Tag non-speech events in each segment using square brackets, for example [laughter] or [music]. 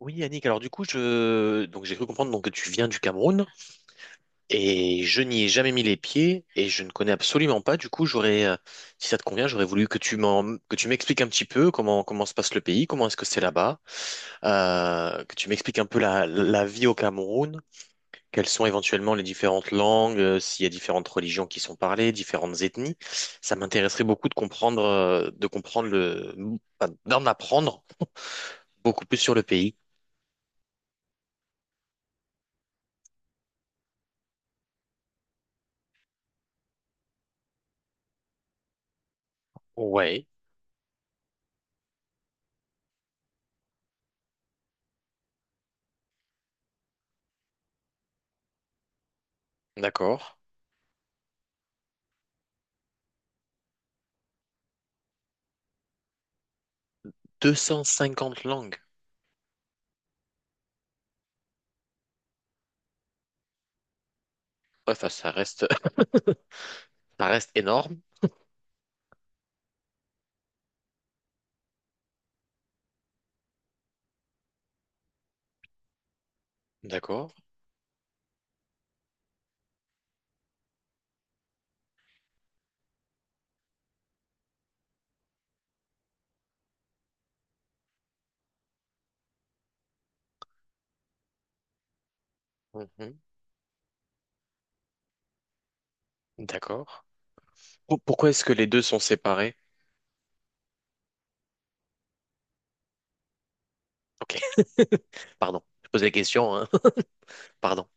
Oui, Yannick, alors du coup, donc, j'ai cru comprendre donc, que tu viens du Cameroun et je n'y ai jamais mis les pieds et je ne connais absolument pas. Du coup, j'aurais, si ça te convient, j'aurais voulu que tu m'expliques un petit peu comment se passe le pays, comment est-ce que c'est là-bas, que tu m'expliques un peu la vie au Cameroun, quelles sont éventuellement les différentes langues, s'il y a différentes religions qui sont parlées, différentes ethnies. Ça m'intéresserait beaucoup de comprendre, enfin, d'en apprendre beaucoup plus sur le pays. Ouais, d'accord. 250 langues. Ouais, enfin, ça reste, [laughs] ça reste énorme. D'accord. Mhm. D'accord. Pourquoi est-ce que les deux sont séparés? Ok, [laughs] pardon. Je pose la question, hein. [laughs] Pardon.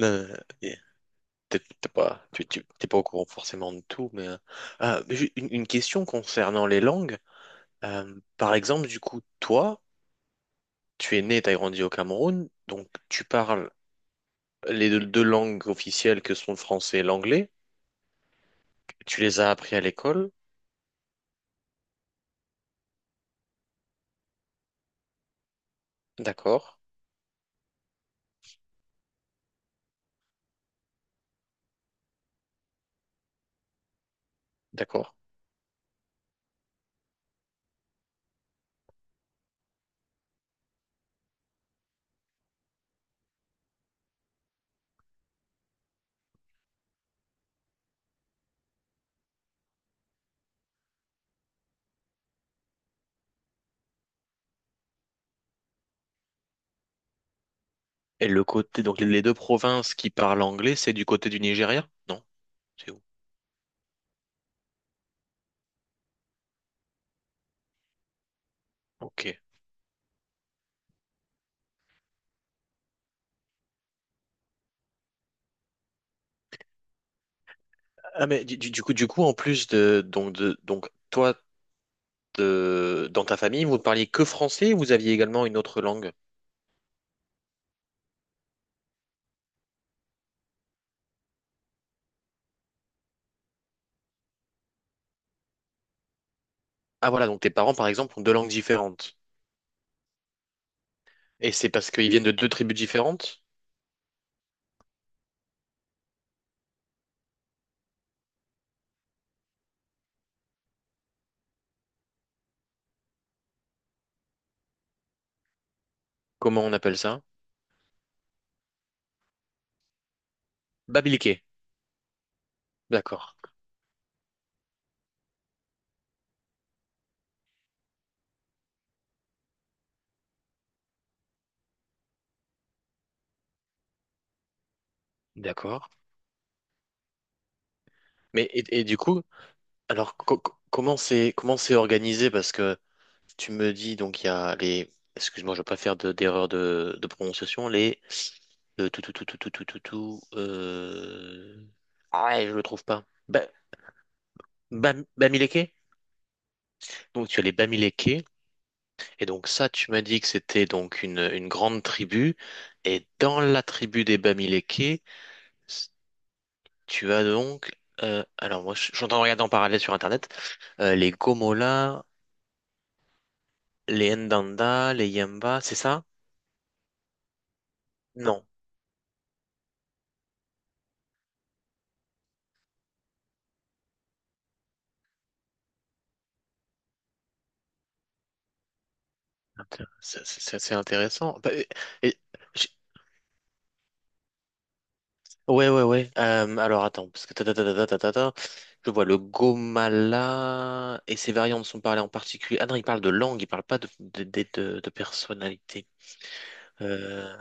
Euh, t'es t'es pas, t'es pas au courant forcément de tout, mais j'ai une question concernant les langues. Par exemple, du coup, toi, tu es né, tu as grandi au Cameroun, donc tu parles les deux langues officielles que sont le français et l'anglais. Tu les as appris à l'école. D'accord. D'accord. Et le côté, donc les deux provinces qui parlent anglais, c'est du côté du Nigeria? Non, c'est où? Ok. Ah mais du coup, en plus de donc toi de- dans ta famille, vous ne parliez que français ou vous aviez également une autre langue? Ah voilà, donc tes parents par exemple ont deux langues différentes. Et c'est parce qu'ils viennent de deux tribus différentes? Comment on appelle ça? Babiliqué. D'accord. D'accord. Mais et du coup, alors, comment c'est organisé? Parce que tu me dis, donc, il y a les... Excuse-moi, je ne veux pas faire d'erreur de prononciation. Les... Le tout, tout, tout, tout, tout, tout, tout, tout. Ah, ouais, je le trouve pas. Bamileke? Donc, tu as les Bamileke. Et donc, ça, tu m'as dit que c'était donc une grande tribu. Et dans la tribu des Bamileke, s- tu as donc... Alors moi, je suis en train de regarder en parallèle sur Internet. Les Gomola, les Ndanda, les Yamba, c'est ça? Non, c'est intéressant. Bah, et- j- ouais, ouais, ouais. Alors attends, parce que ta, ta, ta, ta, ta, ta, ta, ta, je vois le Gomala et ses variantes sont parlées en particulier. Ah non, il parle de langue, il parle pas de personnalité. Euh,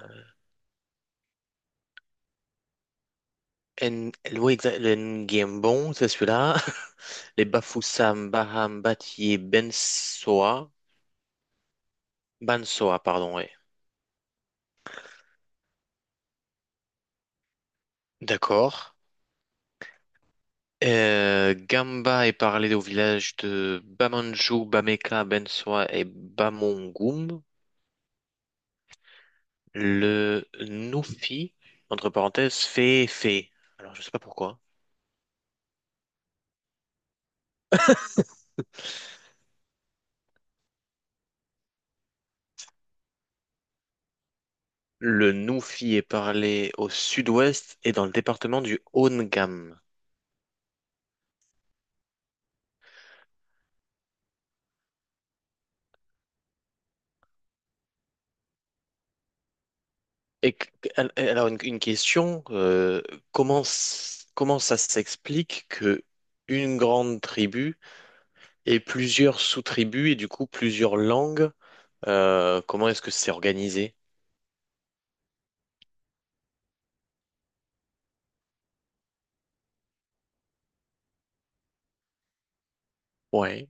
en, oui, le Ngembon, c'est celui-là. [laughs] Les Bafoussam, Baham, Batié, Bensoa. Bansoa, pardon, ouais. D'accord. Gamba est parlé au village de Bamanjou, Bameka, Bensoa et Bamongum. Le Nufi, entre parenthèses, fait fait. Alors, je sais pas pourquoi. Le Nufi est parlé au sud-ouest et dans le département du haut de. Et que- alors, une question, comment ça s'explique que une grande tribu ait plusieurs sous-tribus et du coup plusieurs langues, comment est-ce que c'est organisé? Ouais.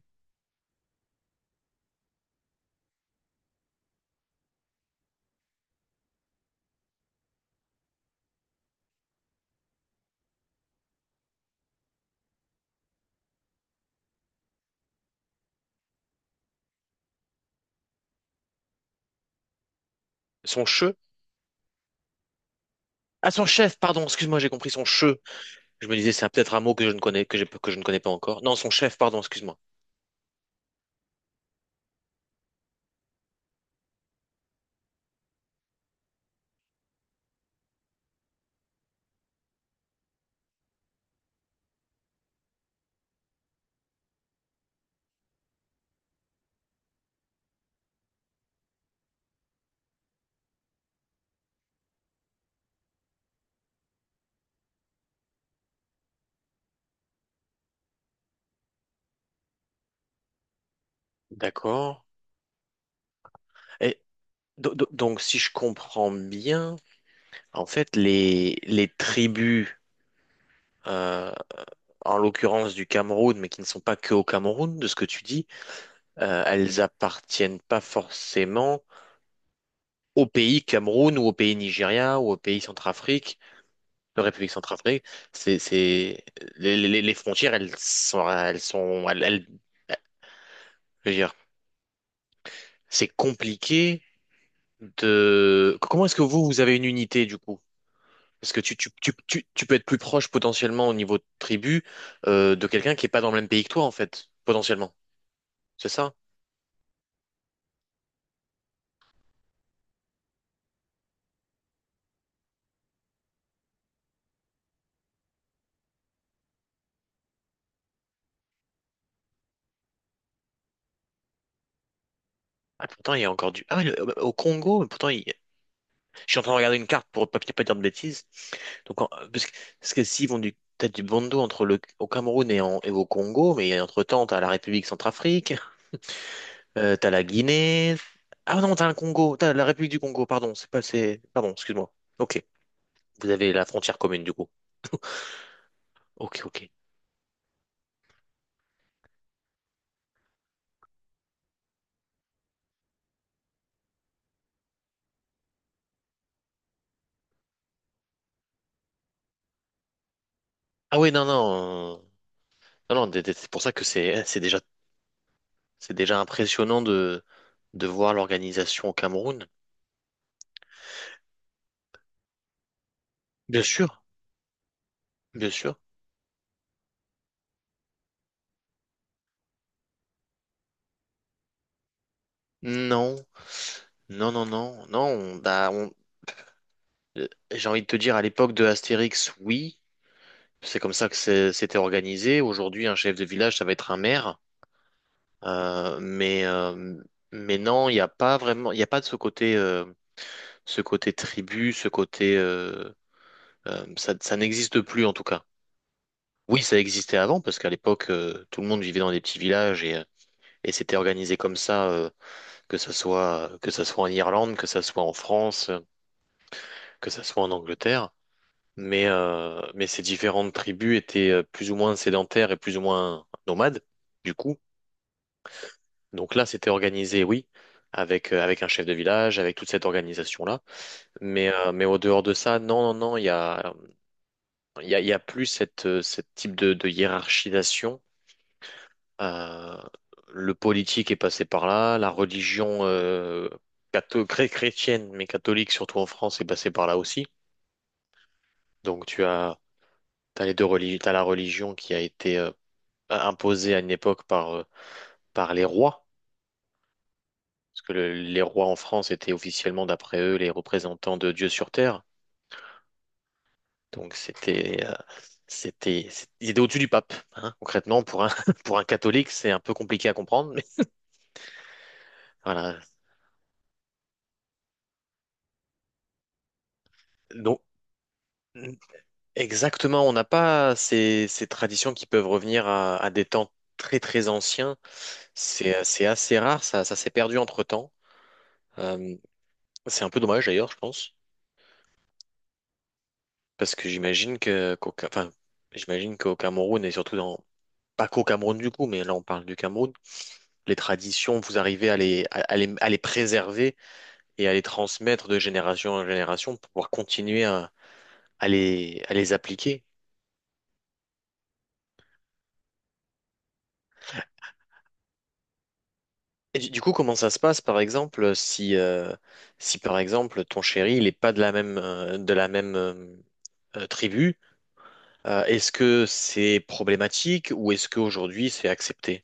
Son che? Ah, son chef, pardon, excuse-moi, j'ai compris son che. Je me disais, c'est peut-être un mot que je ne connais, que je ne connais pas encore. Non, son chef, pardon, excuse-moi. D'accord. Et donc, si je comprends bien, en fait, les, tribus, euh, en l'occurrence du Cameroun, mais qui ne sont pas que au Cameroun, de ce que tu dis, elles appartiennent pas forcément au pays Cameroun ou au pays Nigeria ou au pays Centrafrique. La République centrafricaine, c'est, c'est, les frontières, elles sont, je veux dire, c'est compliqué de, comment est-ce que vous, vous avez une unité, du coup? Parce que tu peux être plus proche, potentiellement, au niveau de tribu, de quelqu'un qui est pas dans le même pays que toi, en fait, potentiellement. C'est ça? Ah, pourtant, il y a encore ouais, au Congo, pourtant. Je suis en train de regarder une carte pour pas dire de bêtises. Donc, parce que s'ils vont du, t'as du bondo entre au Cameroun et au Congo, mais entre-temps, t'as la République centrafrique, t'as la Guinée. Ah non, t'as le Congo, t'as la République du Congo, pardon, c'est pas, c'est, pardon, excuse-moi. Ok, vous avez la frontière commune du coup. Ok, ok. Ah oui, non, non, non, non, c'est pour ça que c'est déjà impressionnant de, voir l'organisation au Cameroun. Bien sûr, bien sûr. Non. Non, non, non, non, bah, euh, j'ai envie de te dire, à l'époque de Astérix, oui, c'est comme ça que c'était organisé. Aujourd'hui, un chef de village, ça va être un maire. Euh, mais, euh, mais non, il n'y a pas vraiment, il n'y a pas de ce côté tribu, ce côté, ça n'existe plus en tout cas. Oui, ça existait avant parce qu'à l'époque, tout le monde vivait dans des petits villages et c'était organisé comme ça, que ça soit en Irlande, que ça soit en France, que ça soit en Angleterre. Mais ces différentes tribus étaient plus ou moins sédentaires et plus ou moins nomades, du coup. Donc là, c'était organisé, oui, avec un chef de village, avec toute cette organisation-là. Mais au dehors de ça, non, non, non, il y a plus cette, cette type de hiérarchisation. Euh, le politique est passé par là, la religion, chrétienne, mais catholique, surtout en France, est passée par là aussi. Donc t'as les deux religions, t'as la religion qui a été imposé à une époque par les rois, parce que les rois en France étaient officiellement, d'après eux, les représentants de Dieu sur terre. Donc ils étaient au-dessus du pape, hein. Concrètement, pour un, [laughs] pour un catholique, c'est un peu compliqué à comprendre, mais voilà. Donc exactement, on n'a pas ces, traditions qui peuvent revenir à des temps très très anciens. C'est assez rare, ça s'est perdu entre-temps. Euh, c'est un peu dommage d'ailleurs, je pense. Parce que j'imagine enfin, j'imagine qu'au Cameroun, et surtout dans, pas qu'au Cameroun du coup, mais là on parle du Cameroun, les traditions, vous arrivez à les préserver et à les transmettre de génération en génération pour pouvoir continuer à les appliquer. Et du coup, comment ça se passe, par exemple, si par exemple ton chéri, il n'est pas de la même tribu. Est-ce que c'est problématique ou est-ce qu'aujourd'hui c'est accepté?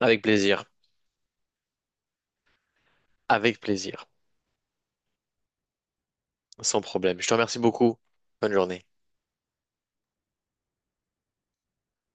Avec plaisir, avec plaisir, sans problème. Je te remercie beaucoup. Bonne journée.